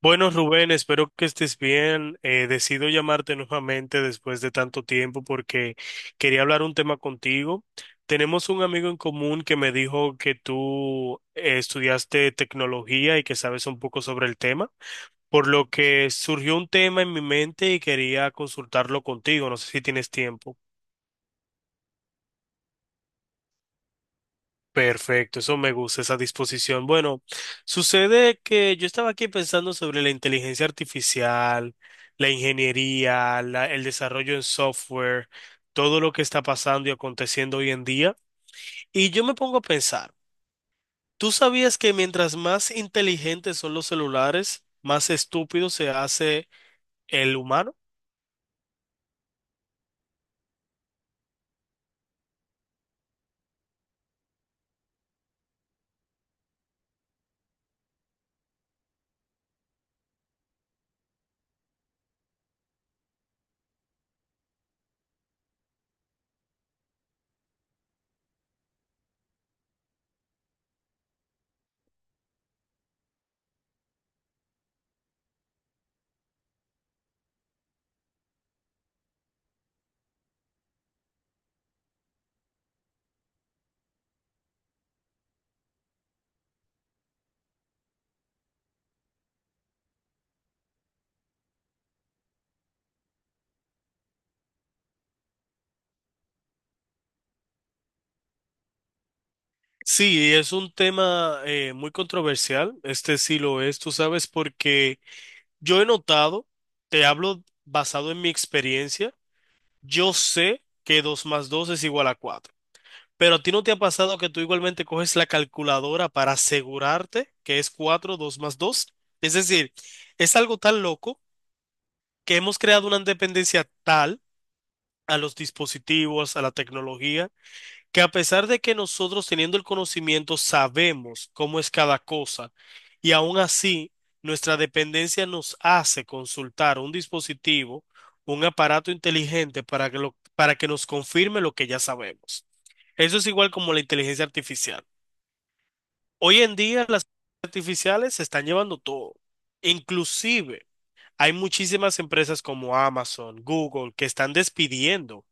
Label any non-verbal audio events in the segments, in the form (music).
Bueno, Rubén, espero que estés bien. Decido llamarte nuevamente después de tanto tiempo porque quería hablar un tema contigo. Tenemos un amigo en común que me dijo que tú estudiaste tecnología y que sabes un poco sobre el tema, por lo que surgió un tema en mi mente y quería consultarlo contigo. No sé si tienes tiempo. Perfecto, eso me gusta, esa disposición. Bueno, sucede que yo estaba aquí pensando sobre la inteligencia artificial, la ingeniería, el desarrollo en software, todo lo que está pasando y aconteciendo hoy en día. Y yo me pongo a pensar, ¿tú sabías que mientras más inteligentes son los celulares, más estúpido se hace el humano? Sí, es un tema muy controversial, este sí lo es, tú sabes, porque yo he notado, te hablo basado en mi experiencia, yo sé que 2 más 2 es igual a 4. Pero a ti no te ha pasado que tú igualmente coges la calculadora para asegurarte que es 4 2 más 2. Es decir, es algo tan loco que hemos creado una dependencia tal a los dispositivos, a la tecnología, que a pesar de que nosotros teniendo el conocimiento sabemos cómo es cada cosa, y aún así nuestra dependencia nos hace consultar un dispositivo, un aparato inteligente para que, para que nos confirme lo que ya sabemos. Eso es igual como la inteligencia artificial. Hoy en día las artificiales se están llevando todo. Inclusive hay muchísimas empresas como Amazon, Google, que están despidiendo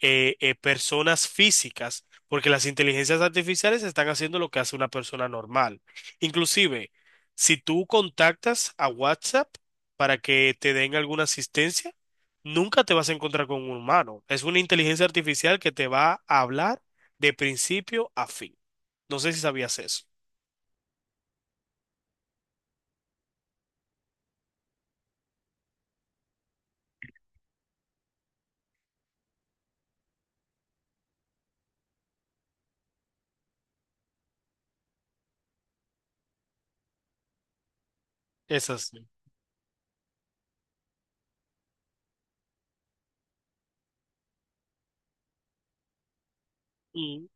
personas físicas, porque las inteligencias artificiales están haciendo lo que hace una persona normal. Inclusive, si tú contactas a WhatsApp para que te den alguna asistencia, nunca te vas a encontrar con un humano. Es una inteligencia artificial que te va a hablar de principio a fin. No sé si sabías eso. Es así. Mm.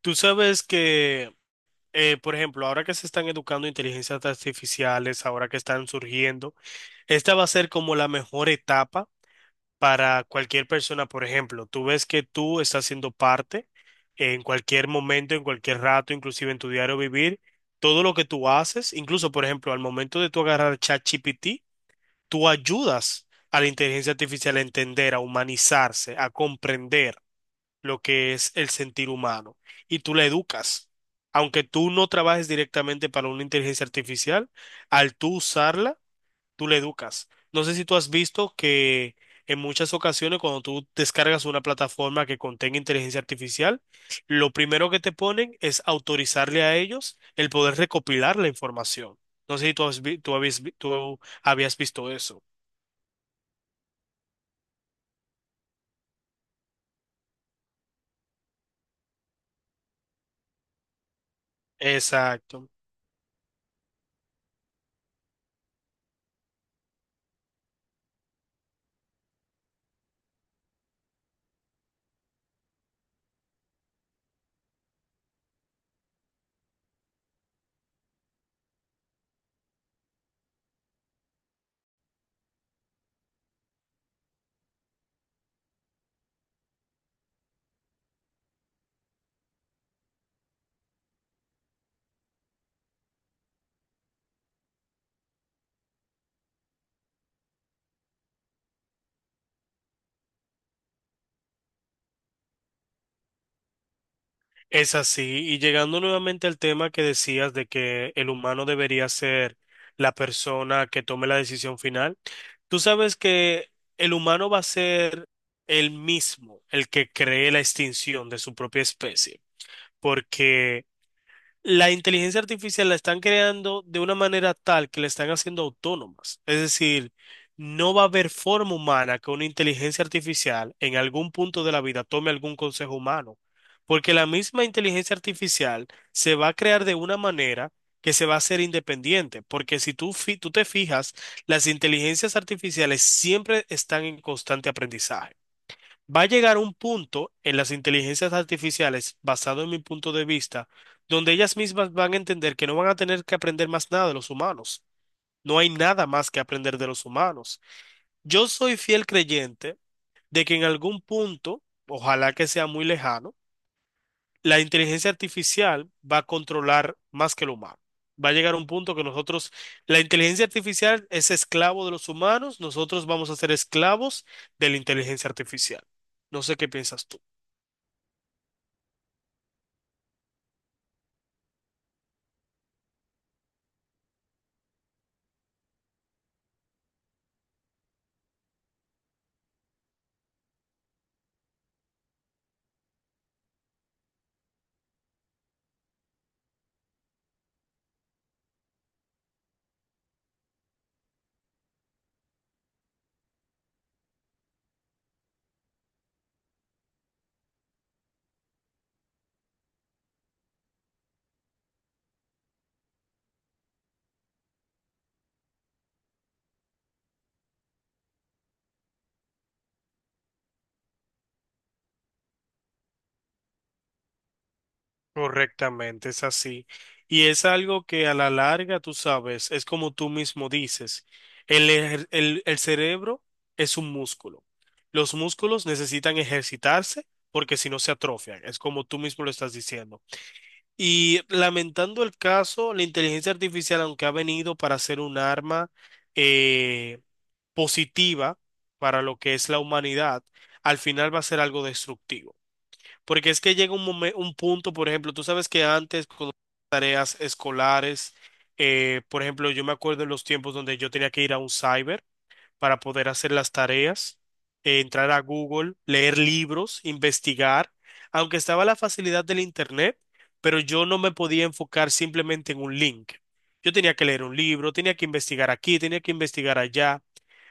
Tú sabes que, por ejemplo, ahora que se están educando inteligencias artificiales, ahora que están surgiendo, esta va a ser como la mejor etapa para cualquier persona, por ejemplo. Tú ves que tú estás siendo parte en cualquier momento, en cualquier rato, inclusive en tu diario vivir, todo lo que tú haces, incluso, por ejemplo, al momento de tú agarrar ChatGPT, tú ayudas a la inteligencia artificial a entender, a humanizarse, a comprender lo que es el sentir humano y tú la educas. Aunque tú no trabajes directamente para una inteligencia artificial, al tú usarla, tú le educas. No sé si tú has visto que en muchas ocasiones cuando tú descargas una plataforma que contenga inteligencia artificial, lo primero que te ponen es autorizarle a ellos el poder recopilar la información. No sé si tú, tú tú habías visto eso. Exacto. Es así, y llegando nuevamente al tema que decías de que el humano debería ser la persona que tome la decisión final, tú sabes que el humano va a ser el mismo, el que cree la extinción de su propia especie, porque la inteligencia artificial la están creando de una manera tal que la están haciendo autónomas. Es decir, no va a haber forma humana que una inteligencia artificial en algún punto de la vida tome algún consejo humano, porque la misma inteligencia artificial se va a crear de una manera que se va a hacer independiente, porque si tú, fi- tú te fijas, las inteligencias artificiales siempre están en constante aprendizaje. Va a llegar un punto en las inteligencias artificiales, basado en mi punto de vista, donde ellas mismas van a entender que no van a tener que aprender más nada de los humanos. No hay nada más que aprender de los humanos. Yo soy fiel creyente de que en algún punto, ojalá que sea muy lejano, la inteligencia artificial va a controlar más que el humano. Va a llegar un punto que nosotros, la inteligencia artificial es esclavo de los humanos, nosotros vamos a ser esclavos de la inteligencia artificial. No sé qué piensas tú. Correctamente, es así. Y es algo que a la larga, tú sabes, es como tú mismo dices, el cerebro es un músculo. Los músculos necesitan ejercitarse porque si no se atrofian, es como tú mismo lo estás diciendo. Y lamentando el caso, la inteligencia artificial, aunque ha venido para ser un arma eh, positiva para lo que es la humanidad, al final va a ser algo destructivo. Porque es que llega un punto, por ejemplo, tú sabes que antes con tareas escolares, por ejemplo, yo me acuerdo en los tiempos donde yo tenía que ir a un cyber para poder hacer las tareas, entrar a Google, leer libros, investigar, aunque estaba la facilidad del internet, pero yo no me podía enfocar simplemente en un link. Yo tenía que leer un libro, tenía que investigar aquí, tenía que investigar allá.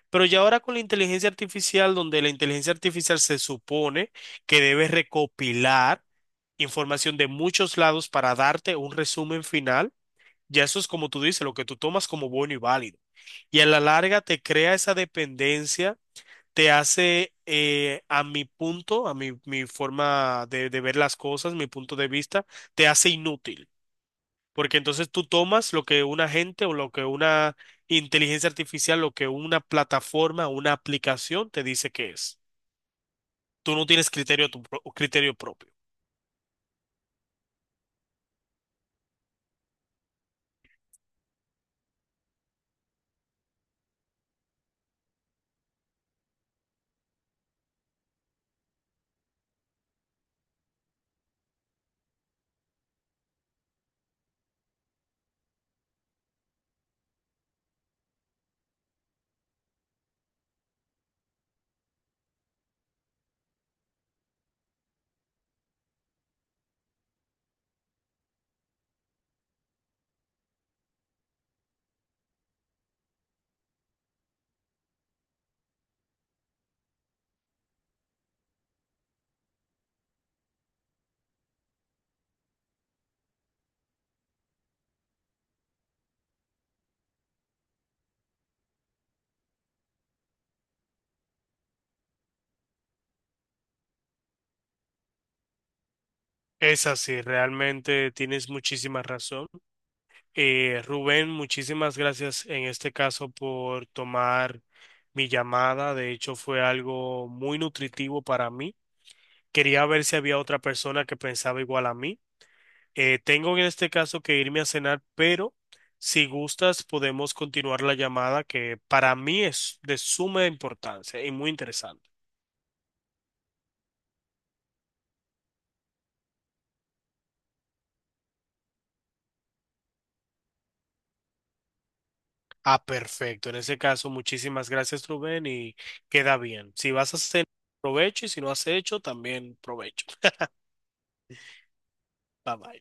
Pero ya ahora con la inteligencia artificial, donde la inteligencia artificial se supone que debe recopilar información de muchos lados para darte un resumen final. Ya eso es como tú dices, lo que tú tomas como bueno y válido. Y a la larga te crea esa dependencia, te hace, a mi punto, a mi forma de ver las cosas, mi punto de vista, te hace inútil. Porque entonces tú tomas lo que una gente o lo que una inteligencia artificial, lo que una plataforma, una aplicación te dice que es. Tú no tienes criterio, criterio propio. Es así, realmente tienes muchísima razón. Rubén, muchísimas gracias en este caso por tomar mi llamada. De hecho, fue algo muy nutritivo para mí. Quería ver si había otra persona que pensaba igual a mí. Tengo en este caso que irme a cenar, pero si gustas podemos continuar la llamada que para mí es de suma importancia y muy interesante. Ah, perfecto. En ese caso, muchísimas gracias, Rubén, y queda bien. Si vas a hacer, provecho, y si no has hecho, también provecho. (laughs) Bye bye.